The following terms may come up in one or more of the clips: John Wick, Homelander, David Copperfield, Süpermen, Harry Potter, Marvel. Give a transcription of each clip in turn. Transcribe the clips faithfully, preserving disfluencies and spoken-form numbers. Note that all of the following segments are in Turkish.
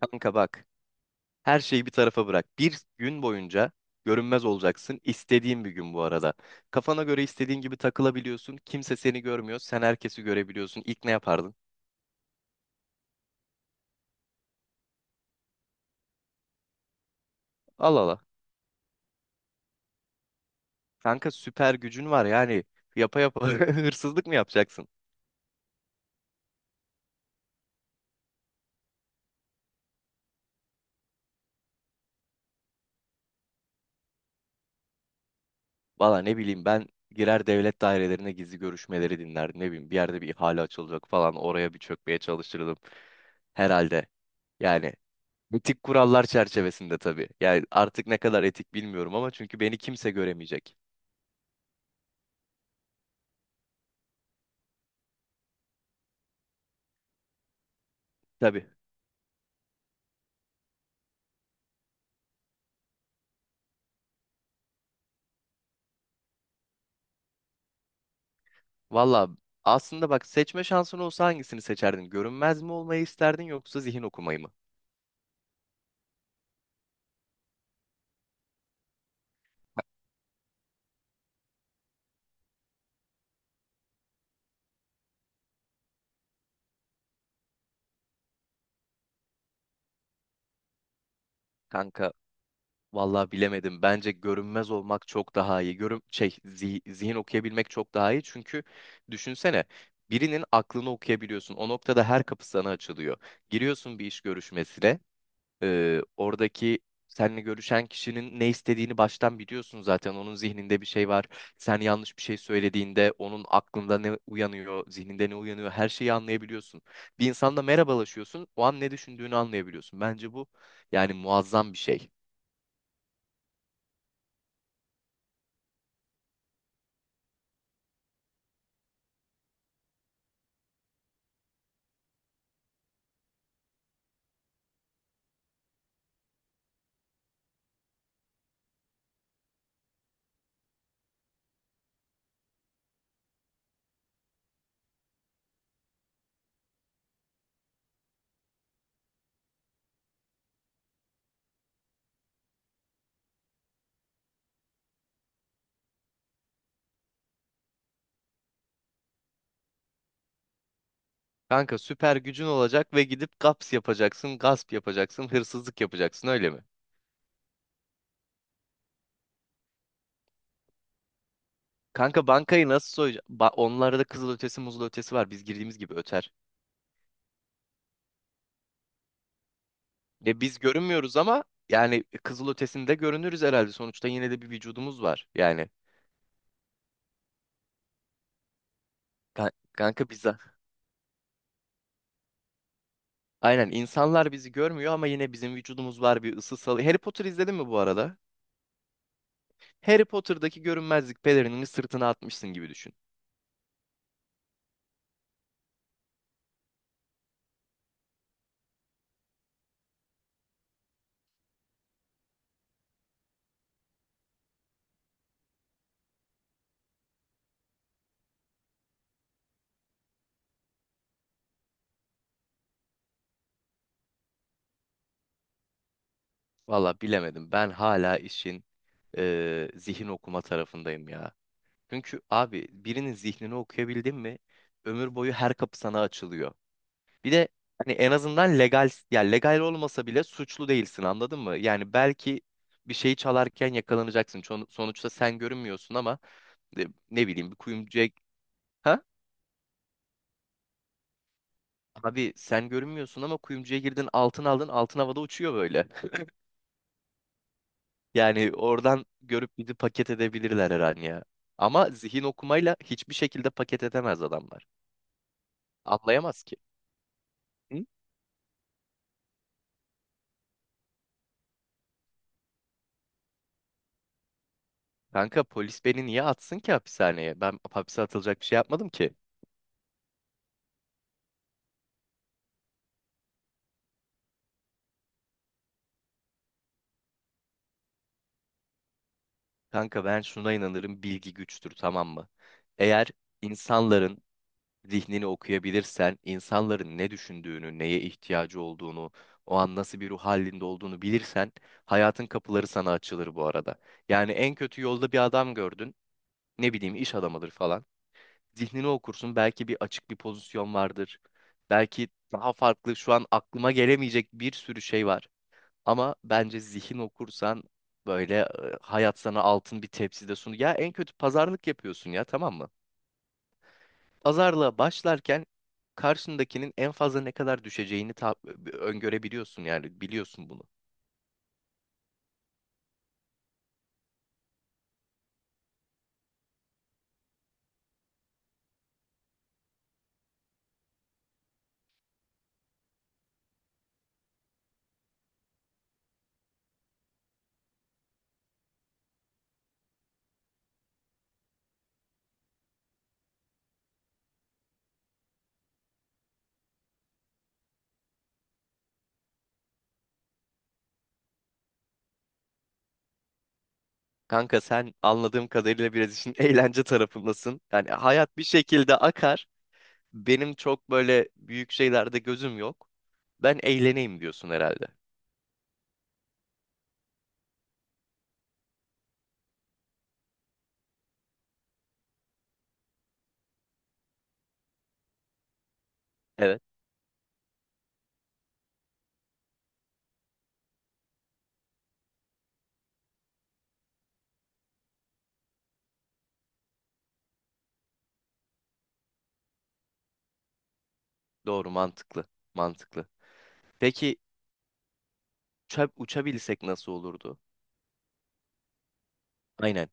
Kanka bak, her şeyi bir tarafa bırak. Bir gün boyunca görünmez olacaksın. İstediğin bir gün bu arada. Kafana göre istediğin gibi takılabiliyorsun. Kimse seni görmüyor. Sen herkesi görebiliyorsun. İlk ne yapardın? Al ala. Kanka süper gücün var yani. Yapa yapa hırsızlık mı yapacaksın? Valla ne bileyim ben girer devlet dairelerine gizli görüşmeleri dinlerdim. Ne bileyim bir yerde bir ihale açılacak falan oraya bir çökmeye çalışırdım. Herhalde yani. Etik kurallar çerçevesinde tabii. Yani artık ne kadar etik bilmiyorum ama çünkü beni kimse göremeyecek. Tabii. Valla aslında bak seçme şansın olsa hangisini seçerdin? Görünmez mi olmayı isterdin yoksa zihin okumayı mı? Kanka valla bilemedim. Bence görünmez olmak çok daha iyi. Görün şey zi- zihin okuyabilmek çok daha iyi. Çünkü düşünsene birinin aklını okuyabiliyorsun. O noktada her kapı sana açılıyor. Giriyorsun bir iş görüşmesine. Ee, oradaki seninle görüşen kişinin ne istediğini baştan biliyorsun zaten. Onun zihninde bir şey var. Sen yanlış bir şey söylediğinde onun aklında ne uyanıyor, zihninde ne uyanıyor her şeyi anlayabiliyorsun. Bir insanla merhabalaşıyorsun, o an ne düşündüğünü anlayabiliyorsun. Bence bu yani muazzam bir şey. Kanka süper gücün olacak ve gidip gaps yapacaksın, gasp yapacaksın, hırsızlık yapacaksın, öyle mi? Kanka bankayı nasıl soyacaksın? Onlarda da kızıl ötesi muzul ötesi var. Biz girdiğimiz gibi öter. Ya biz görünmüyoruz ama yani e, kızıl ötesinde görünürüz herhalde. Sonuçta yine de bir vücudumuz var. Yani kan- kanka bize. Aynen, insanlar bizi görmüyor ama yine bizim vücudumuz var, bir ısı salı. Harry Potter izledin mi bu arada? Harry Potter'daki görünmezlik pelerinini sırtına atmışsın gibi düşün. Valla bilemedim. Ben hala işin eee, zihin okuma tarafındayım ya. Çünkü abi birinin zihnini okuyabildin mi ömür boyu her kapı sana açılıyor. Bir de hani en azından legal ya, legal olmasa bile suçlu değilsin, anladın mı? Yani belki bir şeyi çalarken yakalanacaksın. Çon- Sonuçta sen görünmüyorsun ama e, ne bileyim bir kuyumcuya, ha? Abi sen görünmüyorsun ama kuyumcuya girdin, altın aldın, altın havada uçuyor böyle. Yani oradan görüp bizi paket edebilirler her an ya. Ama zihin okumayla hiçbir şekilde paket edemez adamlar. Anlayamaz ki. Hı? Kanka polis beni niye atsın ki hapishaneye? Ben hapse atılacak bir şey yapmadım ki. Kanka ben şuna inanırım, bilgi güçtür, tamam mı? Eğer insanların zihnini okuyabilirsen, insanların ne düşündüğünü, neye ihtiyacı olduğunu, o an nasıl bir ruh halinde olduğunu bilirsen hayatın kapıları sana açılır bu arada. Yani en kötü yolda bir adam gördün, ne bileyim iş adamıdır falan. Zihnini okursun, belki bir açık bir pozisyon vardır. Belki daha farklı şu an aklıma gelemeyecek bir sürü şey var. Ama bence zihin okursan böyle e, hayat sana altın bir tepside sunuyor. Ya en kötü pazarlık yapıyorsun ya, tamam mı? Pazarlığa başlarken karşındakinin en fazla ne kadar düşeceğini ta- öngörebiliyorsun, yani biliyorsun bunu. Kanka sen anladığım kadarıyla biraz işin eğlence tarafındasın. Yani hayat bir şekilde akar. Benim çok böyle büyük şeylerde gözüm yok. Ben eğleneyim diyorsun herhalde. Evet. Doğru, mantıklı. Mantıklı. Peki uça- uçabilsek nasıl olurdu? Aynen.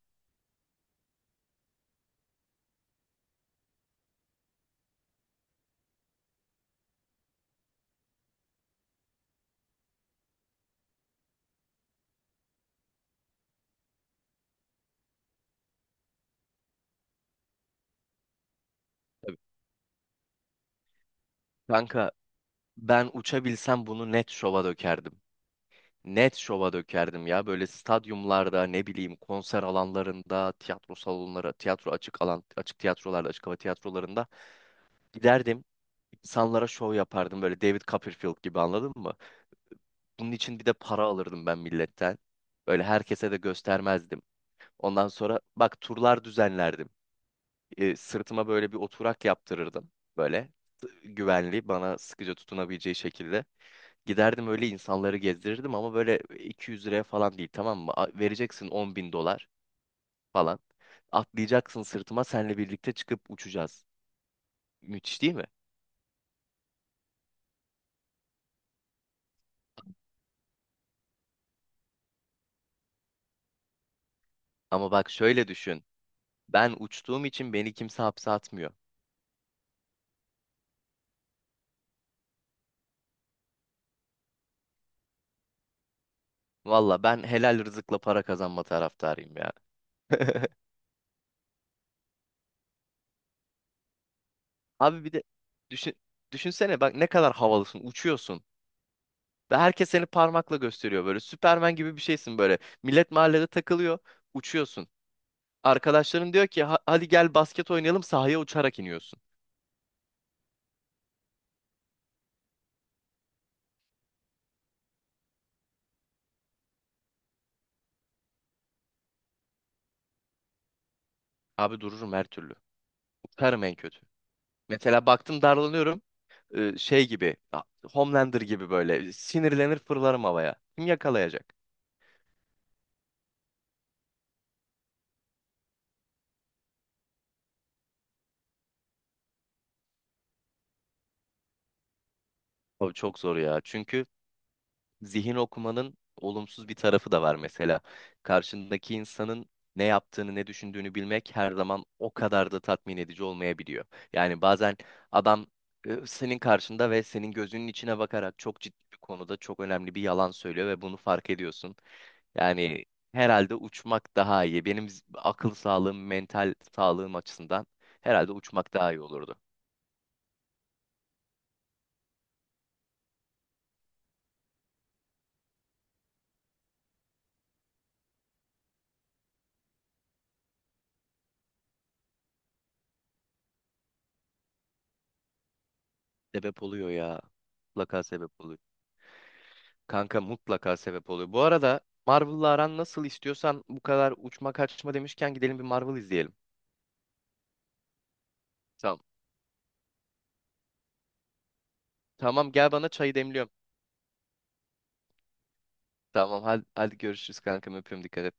Kanka ben uçabilsem bunu net şova dökerdim. Net şova dökerdim ya. Böyle stadyumlarda, ne bileyim konser alanlarında, tiyatro salonları, tiyatro açık alan, açık tiyatrolarda, açık hava tiyatrolarında giderdim. İnsanlara şov yapardım böyle, David Copperfield gibi, anladın mı? Bunun için bir de para alırdım ben milletten. Böyle herkese de göstermezdim. Ondan sonra bak turlar düzenlerdim. Ee, sırtıma böyle bir oturak yaptırırdım. Böyle güvenli, bana sıkıca tutunabileceği şekilde. Giderdim öyle insanları gezdirirdim ama böyle iki yüz liraya falan değil, tamam mı? A- Vereceksin on bin dolar falan. Atlayacaksın sırtıma, senle birlikte çıkıp uçacağız. Müthiş değil mi? Ama bak şöyle düşün. Ben uçtuğum için beni kimse hapse atmıyor. Valla ben helal rızıkla para kazanma taraftarıyım ya. Abi bir de düşün, düşünsene bak, ne kadar havalısın, uçuyorsun. Ve herkes seni parmakla gösteriyor böyle. Süpermen gibi bir şeysin böyle. Millet mahallede takılıyor, uçuyorsun. Arkadaşların diyor ki "Ha- hadi gel basket oynayalım", sahaya uçarak iniyorsun. Abi dururum her türlü. Uçarım en kötü. Mesela baktım darlanıyorum. Ee, şey gibi a- Homelander gibi böyle sinirlenir fırlarım havaya. Kim yakalayacak? Abi çok zor ya. Çünkü zihin okumanın olumsuz bir tarafı da var mesela. Karşındaki insanın ne yaptığını, ne düşündüğünü bilmek her zaman o kadar da tatmin edici olmayabiliyor. Yani bazen adam e, senin karşında ve senin gözünün içine bakarak çok ciddi bir konuda çok önemli bir yalan söylüyor ve bunu fark ediyorsun. Yani herhalde uçmak daha iyi. Benim z- akıl sağlığım, mental sağlığım açısından herhalde uçmak daha iyi olurdu. Sebep oluyor ya. Mutlaka sebep oluyor. Kanka mutlaka sebep oluyor. Bu arada Marvel'la aran nasıl, istiyorsan bu kadar uçma kaçma demişken gidelim bir Marvel izleyelim. Tamam. Tamam gel, bana çayı demliyorum. Tamam hadi, hadi görüşürüz kankam, öpüyorum, dikkat et.